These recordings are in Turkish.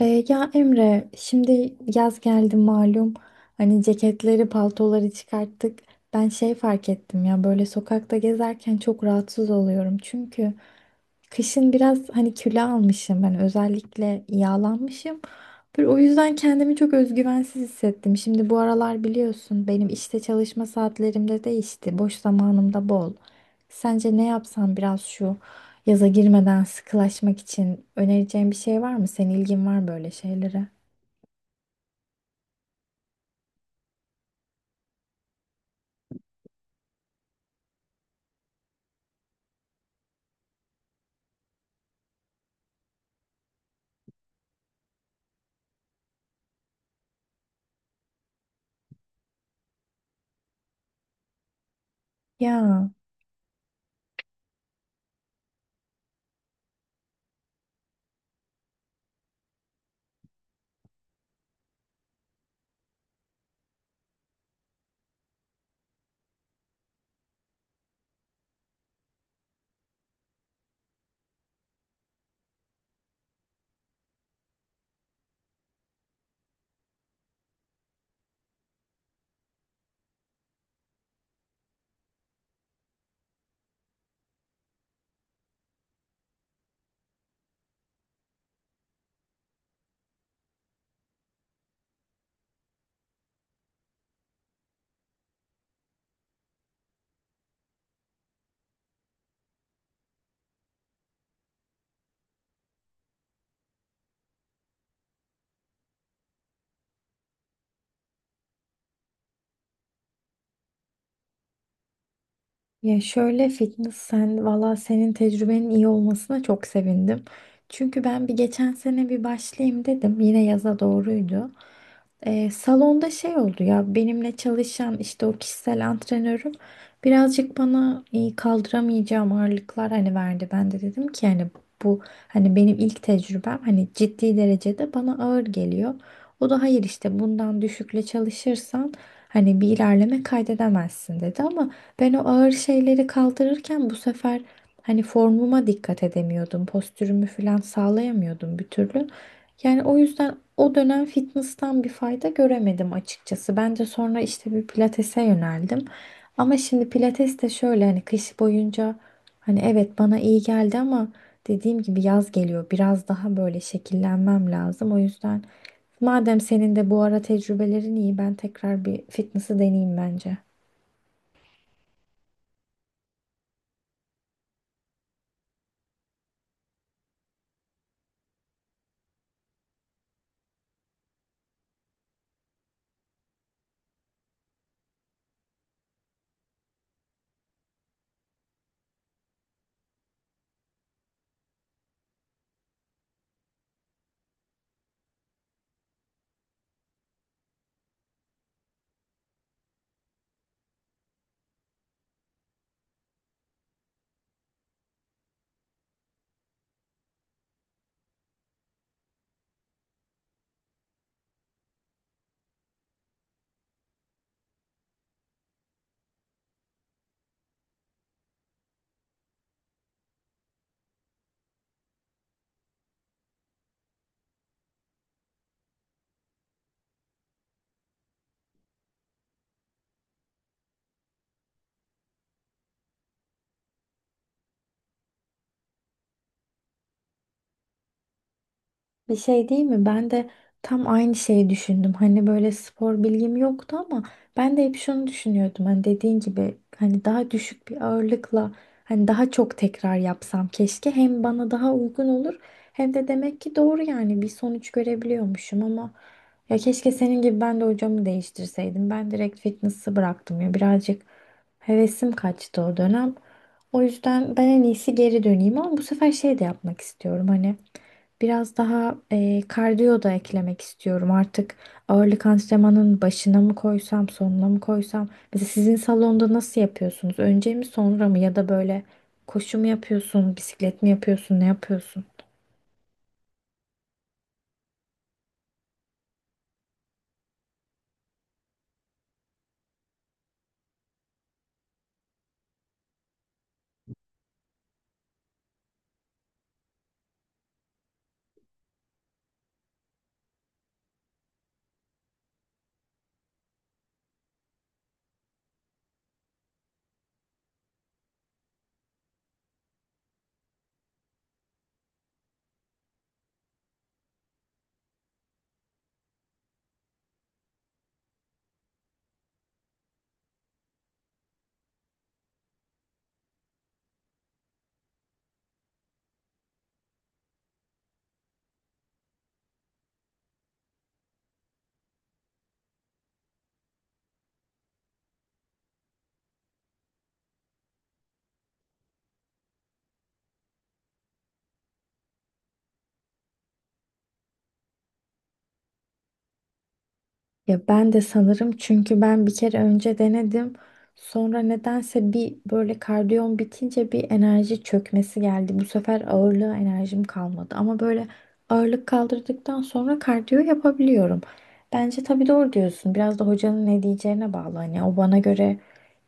Ya Emre, şimdi yaz geldi malum. Hani ceketleri, paltoları çıkarttık. Ben şey fark ettim ya böyle sokakta gezerken çok rahatsız oluyorum. Çünkü kışın biraz hani kilo almışım ben özellikle yağlanmışım. Böyle o yüzden kendimi çok özgüvensiz hissettim. Şimdi bu aralar biliyorsun benim işte çalışma saatlerimde değişti. Boş zamanım da bol. Sence ne yapsam biraz şu yaza girmeden sıkılaşmak için önereceğin bir şey var mı? Senin ilgin var böyle şeylere. Ya. Ya şöyle fitness sen valla senin tecrübenin iyi olmasına çok sevindim. Çünkü ben geçen sene bir başlayayım dedim. Yine yaza doğruydu. Salonda şey oldu ya benimle çalışan işte o kişisel antrenörüm birazcık bana kaldıramayacağım ağırlıklar hani verdi. Ben de dedim ki hani bu hani benim ilk tecrübem hani ciddi derecede bana ağır geliyor. O da hayır işte bundan düşükle çalışırsan hani bir ilerleme kaydedemezsin dedi, ama ben o ağır şeyleri kaldırırken bu sefer hani formuma dikkat edemiyordum. Postürümü falan sağlayamıyordum bir türlü. Yani o yüzden o dönem fitness'tan bir fayda göremedim açıkçası. Ben de sonra işte bir pilatese yöneldim. Ama şimdi pilates de şöyle hani kış boyunca hani evet bana iyi geldi ama dediğim gibi yaz geliyor. Biraz daha böyle şekillenmem lazım. O yüzden madem senin de bu ara tecrübelerin iyi ben tekrar bir fitness'ı deneyeyim bence. Bir şey değil mi? Ben de tam aynı şeyi düşündüm. Hani böyle spor bilgim yoktu ama ben de hep şunu düşünüyordum. Hani dediğin gibi hani daha düşük bir ağırlıkla hani daha çok tekrar yapsam keşke hem bana daha uygun olur hem de demek ki doğru yani bir sonuç görebiliyormuşum ama ya keşke senin gibi ben de hocamı değiştirseydim. Ben direkt fitness'ı bıraktım ya birazcık hevesim kaçtı o dönem. O yüzden ben en iyisi geri döneyim ama bu sefer şey de yapmak istiyorum hani biraz daha kardiyo da eklemek istiyorum. Artık ağırlık antrenmanının başına mı koysam, sonuna mı koysam? Mesela sizin salonda nasıl yapıyorsunuz? Önce mi, sonra mı? Ya da böyle koşu mu yapıyorsun, bisiklet mi yapıyorsun, ne yapıyorsun? Ya ben de sanırım çünkü ben bir kere önce denedim. Sonra nedense bir böyle kardiyom bitince bir enerji çökmesi geldi. Bu sefer ağırlığa enerjim kalmadı. Ama böyle ağırlık kaldırdıktan sonra kardiyo yapabiliyorum. Bence tabii doğru diyorsun. Biraz da hocanın ne diyeceğine bağlı. Hani o bana göre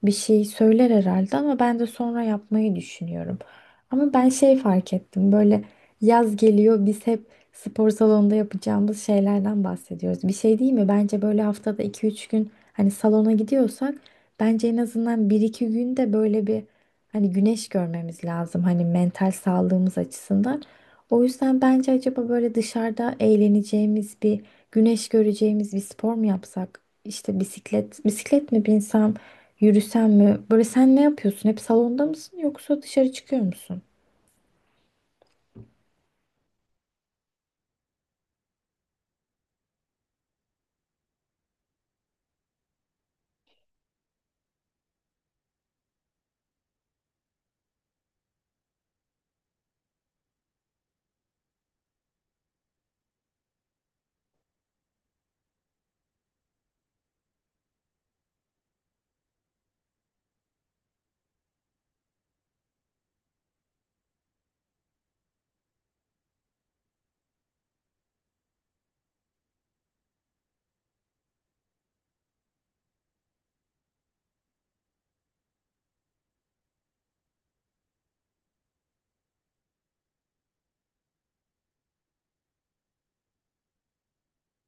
bir şey söyler herhalde ama ben de sonra yapmayı düşünüyorum. Ama ben şey fark ettim. Böyle yaz geliyor biz hep spor salonunda yapacağımız şeylerden bahsediyoruz. Bir şey değil mi? Bence böyle haftada iki üç gün hani salona gidiyorsak bence en azından bir iki gün de böyle bir hani güneş görmemiz lazım hani mental sağlığımız açısından. O yüzden bence acaba böyle dışarıda eğleneceğimiz bir güneş göreceğimiz bir spor mu yapsak? İşte bisiklet, mi binsem, yürüsem mi? Böyle sen ne yapıyorsun? Hep salonda mısın yoksa dışarı çıkıyor musun?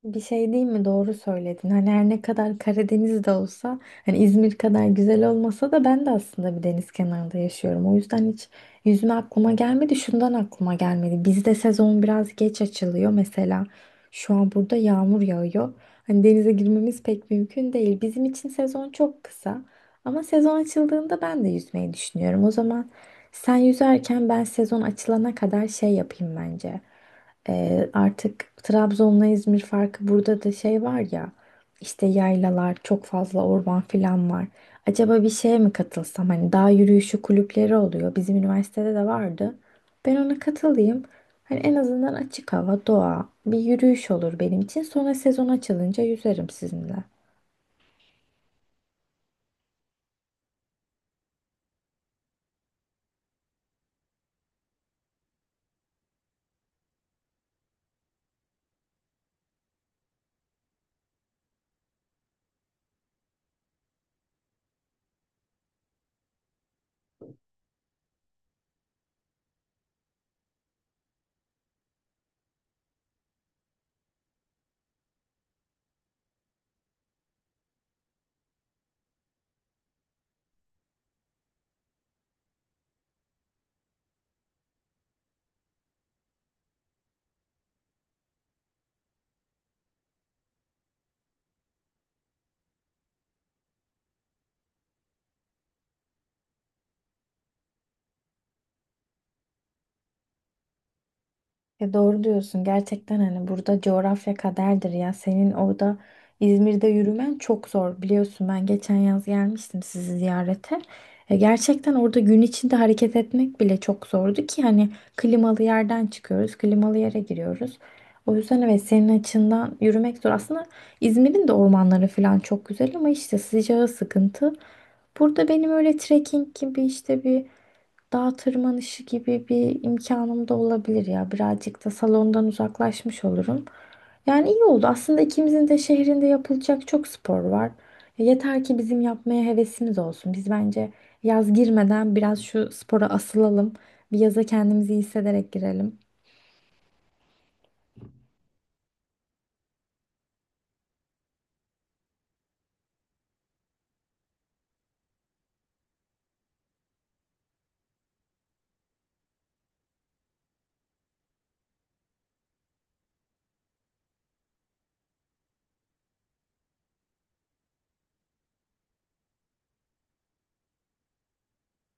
Bir şey değil mi? Doğru söyledin. Hani her ne kadar Karadeniz'de olsa, hani İzmir kadar güzel olmasa da ben de aslında bir deniz kenarında yaşıyorum. O yüzden hiç yüzme aklıma gelmedi. Şundan aklıma gelmedi. Bizde sezon biraz geç açılıyor. Mesela şu an burada yağmur yağıyor. Hani denize girmemiz pek mümkün değil. Bizim için sezon çok kısa. Ama sezon açıldığında ben de yüzmeyi düşünüyorum. O zaman sen yüzerken ben sezon açılana kadar şey yapayım bence. Artık Trabzon'la İzmir farkı burada da şey var ya işte yaylalar çok fazla orman filan var. Acaba bir şeye mi katılsam hani dağ yürüyüşü kulüpleri oluyor bizim üniversitede de vardı. Ben ona katılayım. Hani en azından açık hava, doğa, bir yürüyüş olur benim için. Sonra sezon açılınca yüzerim sizinle. Ya doğru diyorsun. Gerçekten hani burada coğrafya kaderdir ya. Senin orada İzmir'de yürümen çok zor. Biliyorsun ben geçen yaz gelmiştim sizi ziyarete. Gerçekten orada gün içinde hareket etmek bile çok zordu ki hani klimalı yerden çıkıyoruz, klimalı yere giriyoruz. O yüzden evet senin açından yürümek zor. Aslında İzmir'in de ormanları falan çok güzel ama işte sıcağı sıkıntı. Burada benim öyle trekking gibi işte bir dağ tırmanışı gibi bir imkanım da olabilir ya. Birazcık da salondan uzaklaşmış olurum. Yani iyi oldu. Aslında ikimizin de şehrinde yapılacak çok spor var. Yeter ki bizim yapmaya hevesimiz olsun. Biz bence yaz girmeden biraz şu spora asılalım. Bir yaza kendimizi iyi hissederek girelim.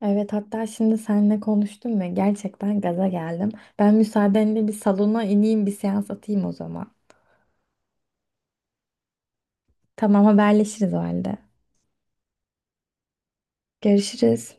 Evet, hatta şimdi seninle konuştum ve gerçekten gaza geldim. Ben müsaadenle bir salona ineyim bir seans atayım o zaman. Tamam, haberleşiriz o halde. Görüşürüz.